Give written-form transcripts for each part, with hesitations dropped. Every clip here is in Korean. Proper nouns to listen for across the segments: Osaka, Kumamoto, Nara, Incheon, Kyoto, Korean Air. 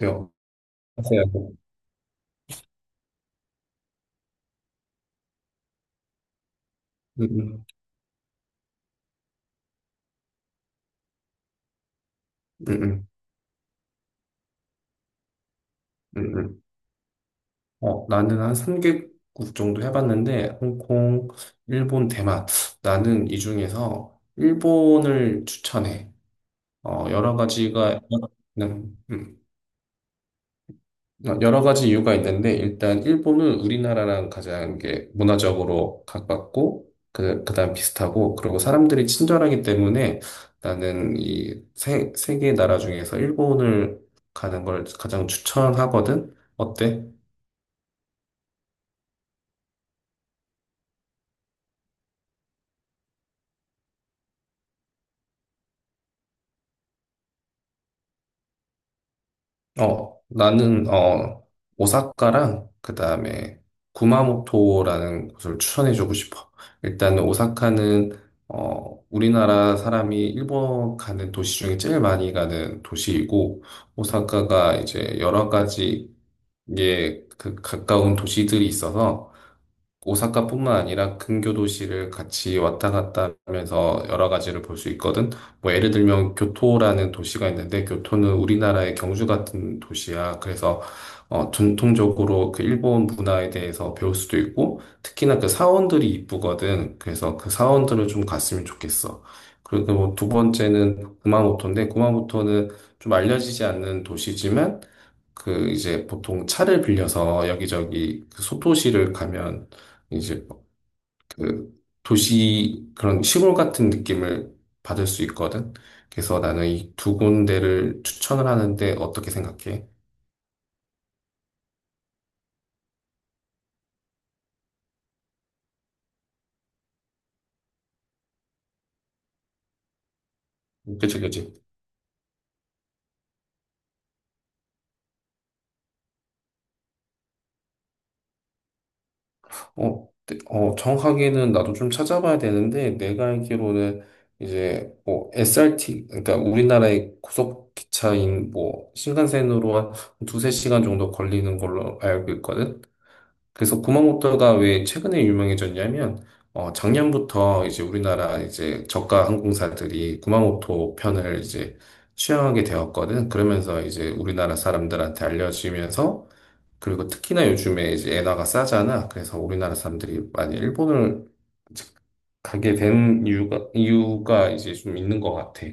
요 맞아요. 음, 음, 음, 음, 음. 나는 한 3개국 정도 해봤는데, 홍콩, 일본, 대만. 나는 이 중에서 일본을 추천해. 여러 가지가, 음, 음. 여러 가지 이유가 있는데 일단 일본은 우리나라랑 가장 이게 문화적으로 가깝고 그 그다음 비슷하고 그리고 사람들이 친절하기 때문에 나는 이세 세 개의 나라 중에서 일본을 가는 걸 가장 추천하거든. 어때? 어, 나는, 어, 오사카랑, 그 다음에, 구마모토라는 곳을 추천해주고 싶어. 일단, 오사카는, 우리나라 사람이 일본 가는 도시 중에 제일 많이 가는 도시이고, 오사카가 이제 여러 가지, 예, 그 가까운 도시들이 있어서, 오사카뿐만 아니라 근교 도시를 같이 왔다 갔다 하면서 여러 가지를 볼 수 있거든. 뭐 예를 들면 교토라는 도시가 있는데 교토는 우리나라의 경주 같은 도시야. 그래서 전통적으로 그 일본 문화에 대해서 배울 수도 있고 특히나 그 사원들이 이쁘거든. 그래서 그 사원들을 좀 갔으면 좋겠어. 그리고 뭐두 번째는 구마모토인데 구마모토는 좀 알려지지 않는 도시지만 그 이제 보통 차를 빌려서 여기저기 그 소도시를 가면 이제 그 도시 그런 시골 같은 느낌을 받을 수 있거든. 그래서 나는 이 두 군데를 추천을 하는데 어떻게 생각해? 그치, 그치. 네, 정확하게는 나도 좀 찾아봐야 되는데 내가 알기로는 이제 뭐 SRT 그러니까 우리나라의 고속 기차인 뭐 신간센으로 한 두세 시간 정도 걸리는 걸로 알고 있거든. 그래서 구마모토가 왜 최근에 유명해졌냐면, 작년부터 이제 우리나라 이제 저가 항공사들이 구마모토 편을 이제 취항하게 되었거든. 그러면서 이제 우리나라 사람들한테 알려지면서, 그리고 특히나 요즘에 이제 엔화가 싸잖아. 그래서 우리나라 사람들이 많이 일본을 이제 가게 된 이유가 이제 좀 있는 것 같아.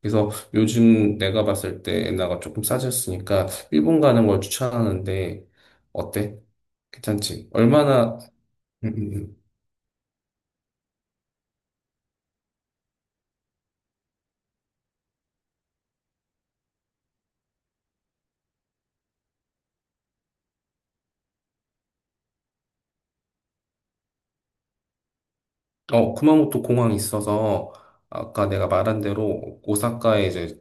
그래서 요즘 내가 봤을 때 엔화가 조금 싸졌으니까 일본 가는 걸 추천하는데, 어때? 괜찮지. 얼마나, 음, 음, 음. 쿠마모토 공항이 있어서, 아까 내가 말한 대로, 오사카에 이제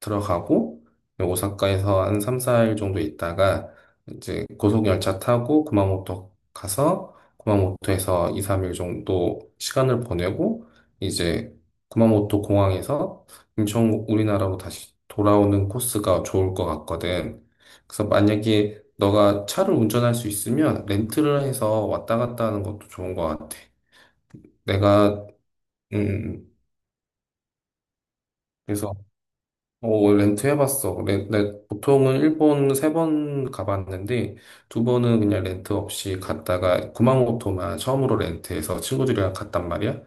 들어가고 오사카에서 한 3, 4일 정도 있다가 이제 고속열차 타고 구마모토 가서 구마모토에서 2, 3일 정도 시간을 보내고 이제 구마모토 공항에서 인천 우리나라로 다시 돌아오는 코스가 좋을 것 같거든. 그래서 만약에 너가 차를 운전할 수 있으면 렌트를 해서 왔다 갔다 하는 것도 좋은 것 같아. 내가 음 그래서 렌트 해봤어. 보통은 일본 세 번 가봤는데, 두 번은 그냥 렌트 없이 갔다가 구마모토만 처음으로 렌트해서 친구들이랑 갔단 말이야.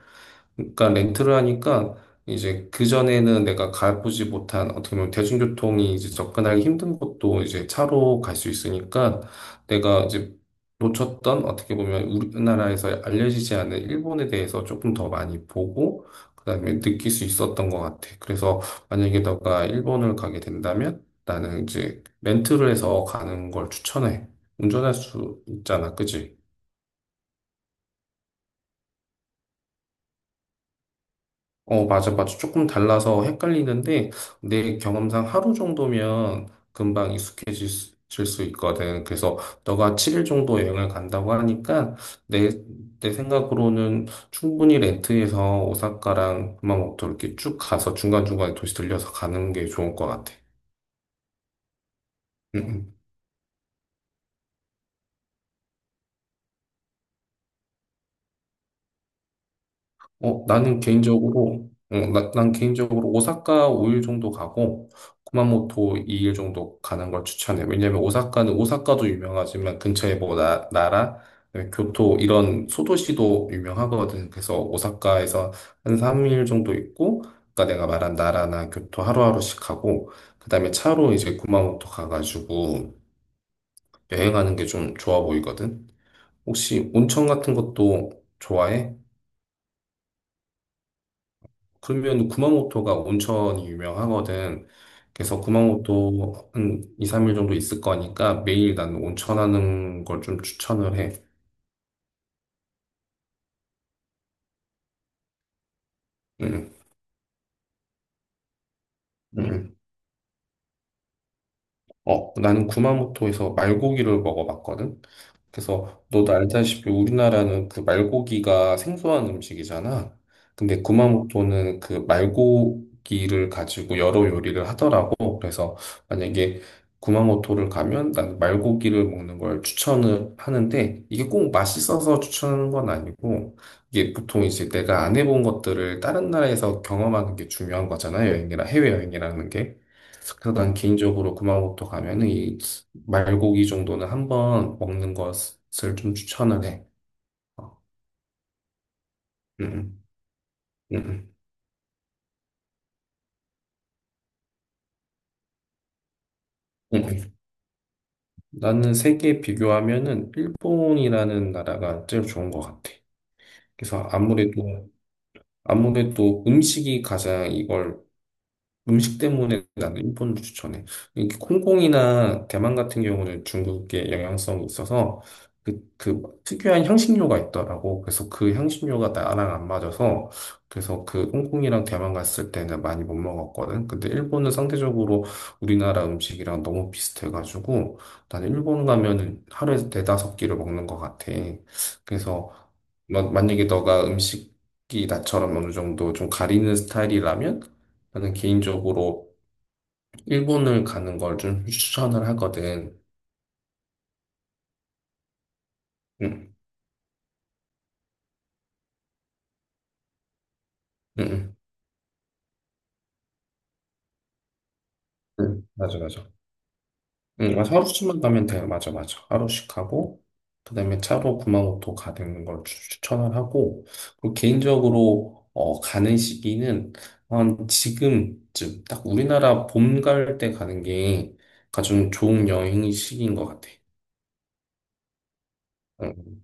그러니까 렌트를 하니까 이제 그전에는 내가 가보지 못한 어떻게 보면 대중교통이 이제 접근하기 힘든 곳도 이제 차로 갈 수 있으니까 내가 이제 놓쳤던 어떻게 보면 우리나라에서 알려지지 않은 일본에 대해서 조금 더 많이 보고 그다음에 느낄 수 있었던 것 같아. 그래서 만약에 너가 일본을 가게 된다면 나는 이제 렌트를 해서 가는 걸 추천해. 운전할 수 있잖아, 그지? 어, 맞아, 맞아. 조금 달라서 헷갈리는데 내 경험상 하루 정도면 금방 익숙해질 질수 있거든. 그래서 너가 7일 정도 여행을 간다고 하니까 내, 내 생각으로는 충분히 렌트해서 오사카랑 구마모토 이렇게 쭉 가서 중간중간에 도시 들려서 가는 게 좋을 것 같아. 응, 응. 어, 나는 개인적으로, 어, 나, 난 개인적으로 오사카 5일 정도 가고, 구마모토 2일 정도 가는 걸 추천해. 왜냐면 오사카는 오사카도 유명하지만 근처에 뭐 나라, 그다음에 교토 이런 소도시도 유명하거든. 그래서 오사카에서 한 3일 정도 있고, 아까 내가 말한 나라나 교토 하루하루씩 하고, 그다음에 차로 이제 구마모토 가가지고 여행하는 게 좀 좋아 보이거든. 혹시 온천 같은 것도 좋아해? 그러면 구마모토가 온천이 유명하거든. 그래서 구마모토 한 2, 3일 정도 있을 거니까 매일 난 온천하는 걸 좀 추천을 해. 응, 응. 응. 나는 구마모토에서 말고기를 먹어봤거든. 그래서 너도 알다시피 우리나라는 그 말고기가 생소한 음식이잖아. 근데 구마모토는 그 말고기를 가지고 여러 요리를 하더라고. 그래서 만약에 구마모토를 가면 난 말고기를 먹는 걸 추천을 하는데 이게 꼭 맛있어서 추천하는 건 아니고 이게 보통 이제 내가 안 해본 것들을 다른 나라에서 경험하는 게 중요한 거잖아. 여행이라 해외여행이라는 게. 그래서 난 개인적으로 구마모토 가면은 이 말고기 정도는 한번 먹는 것을 좀 추천을 해. 어, 음, 음, 음, 음. 나는 세계 비교하면은 일본이라는 나라가 제일 좋은 것 같아. 그래서 아무래도 음식이 가장 이걸 음식 때문에 나는 일본을 추천해. 이게 콩콩이나 대만 같은 경우는 중국의 영향성이 있어서 그 특유한 향신료가 있더라고. 그래서 그 향신료가 나랑 안 맞아서 그래서 그 홍콩이랑 대만 갔을 때는 많이 못 먹었거든. 근데 일본은 상대적으로 우리나라 음식이랑 너무 비슷해가지고 나는 일본 가면은 하루에 네다섯 끼를 먹는 것 같아. 그래서 만약에 너가 음식이 나처럼 어느 정도 좀 가리는 스타일이라면 나는 개인적으로 일본을 가는 걸 좀 추천을 하거든. 응, 응, 응, 응. 맞아, 맞아. 응, 맞아. 하루씩만 가면 돼. 맞아, 맞아. 하루씩 가고, 그다음에 차로 구마모토 가는 걸 추천을 하고, 그리고 개인적으로 가는 시기는 한 지금쯤 딱 우리나라 봄 갈 때 가는 게 가장 좋은 여행 시기인 것 같아. 응.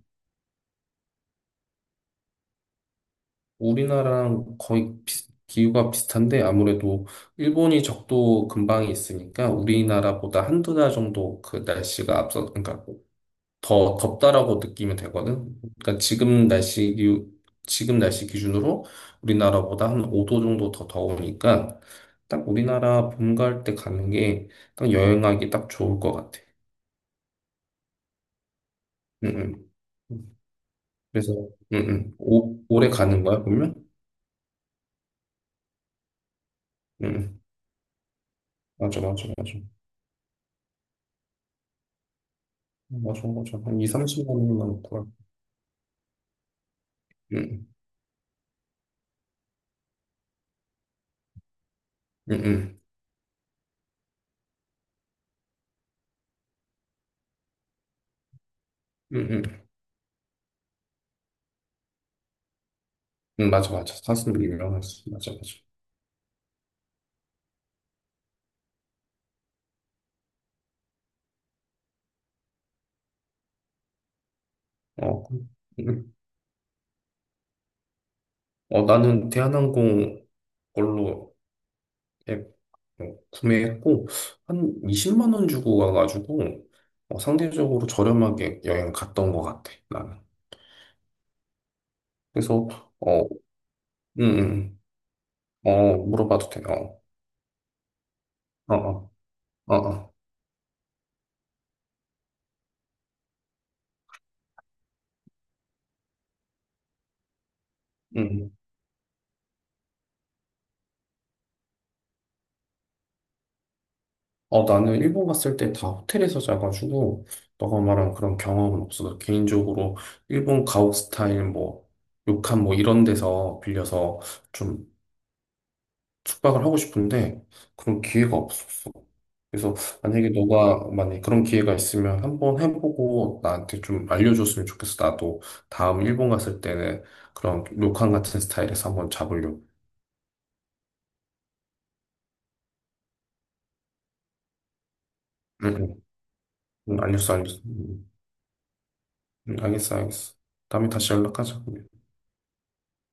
우리나라랑 거의 기후가 비슷한데 아무래도 일본이 적도 근방에 있으니까 우리나라보다 한두 달 정도 그 날씨가 앞서, 그러니까 더 덥다라고 느끼면 되거든. 그러니까 지금 날씨 기준으로 우리나라보다 한 5도 정도 더 더우니까 딱 우리나라 봄 갈 때 가는 게 딱 여행하기 딱 좋을 것 같아. 응, 응. 그래서, 응, 응. 올해 가는 거야, 그러면? 응, 응. 맞아, 맞아, 맞아. 맞아, 맞아. 한 2, 30만 원 남구나. 응, 응, 응, 응, 응. 응, 맞아, 맞아. 사슴이 유명하지. 맞아, 맞아. 어, 응. 나는 대한항공 걸로 앱 구매했고, 한 20만 원 주고 가가지고, 상대적으로 저렴하게 여행 갔던 것 같아, 나는. 그래서, 어, 응, 응. 어, 물어봐도 돼. 어, 어, 어, 어, 어. 응. 나는 일본 갔을 때 다 호텔에서 자가지고, 너가 말한 그런 경험은 없어. 개인적으로, 일본 가옥 스타일, 뭐, 료칸 뭐 이런 데서 빌려서 좀 숙박을 하고 싶은데, 그런 기회가 없어. 그래서 만약에 그런 기회가 있으면 한번 해보고 나한테 좀 알려줬으면 좋겠어. 나도 다음 일본 갔을 때는 그런 료칸 같은 스타일에서 한번 잡으려고. 응, 응. 응, 알겠어, 알겠어. 응, 응, 알겠어, 알겠어. 다음에 다시 연락하자.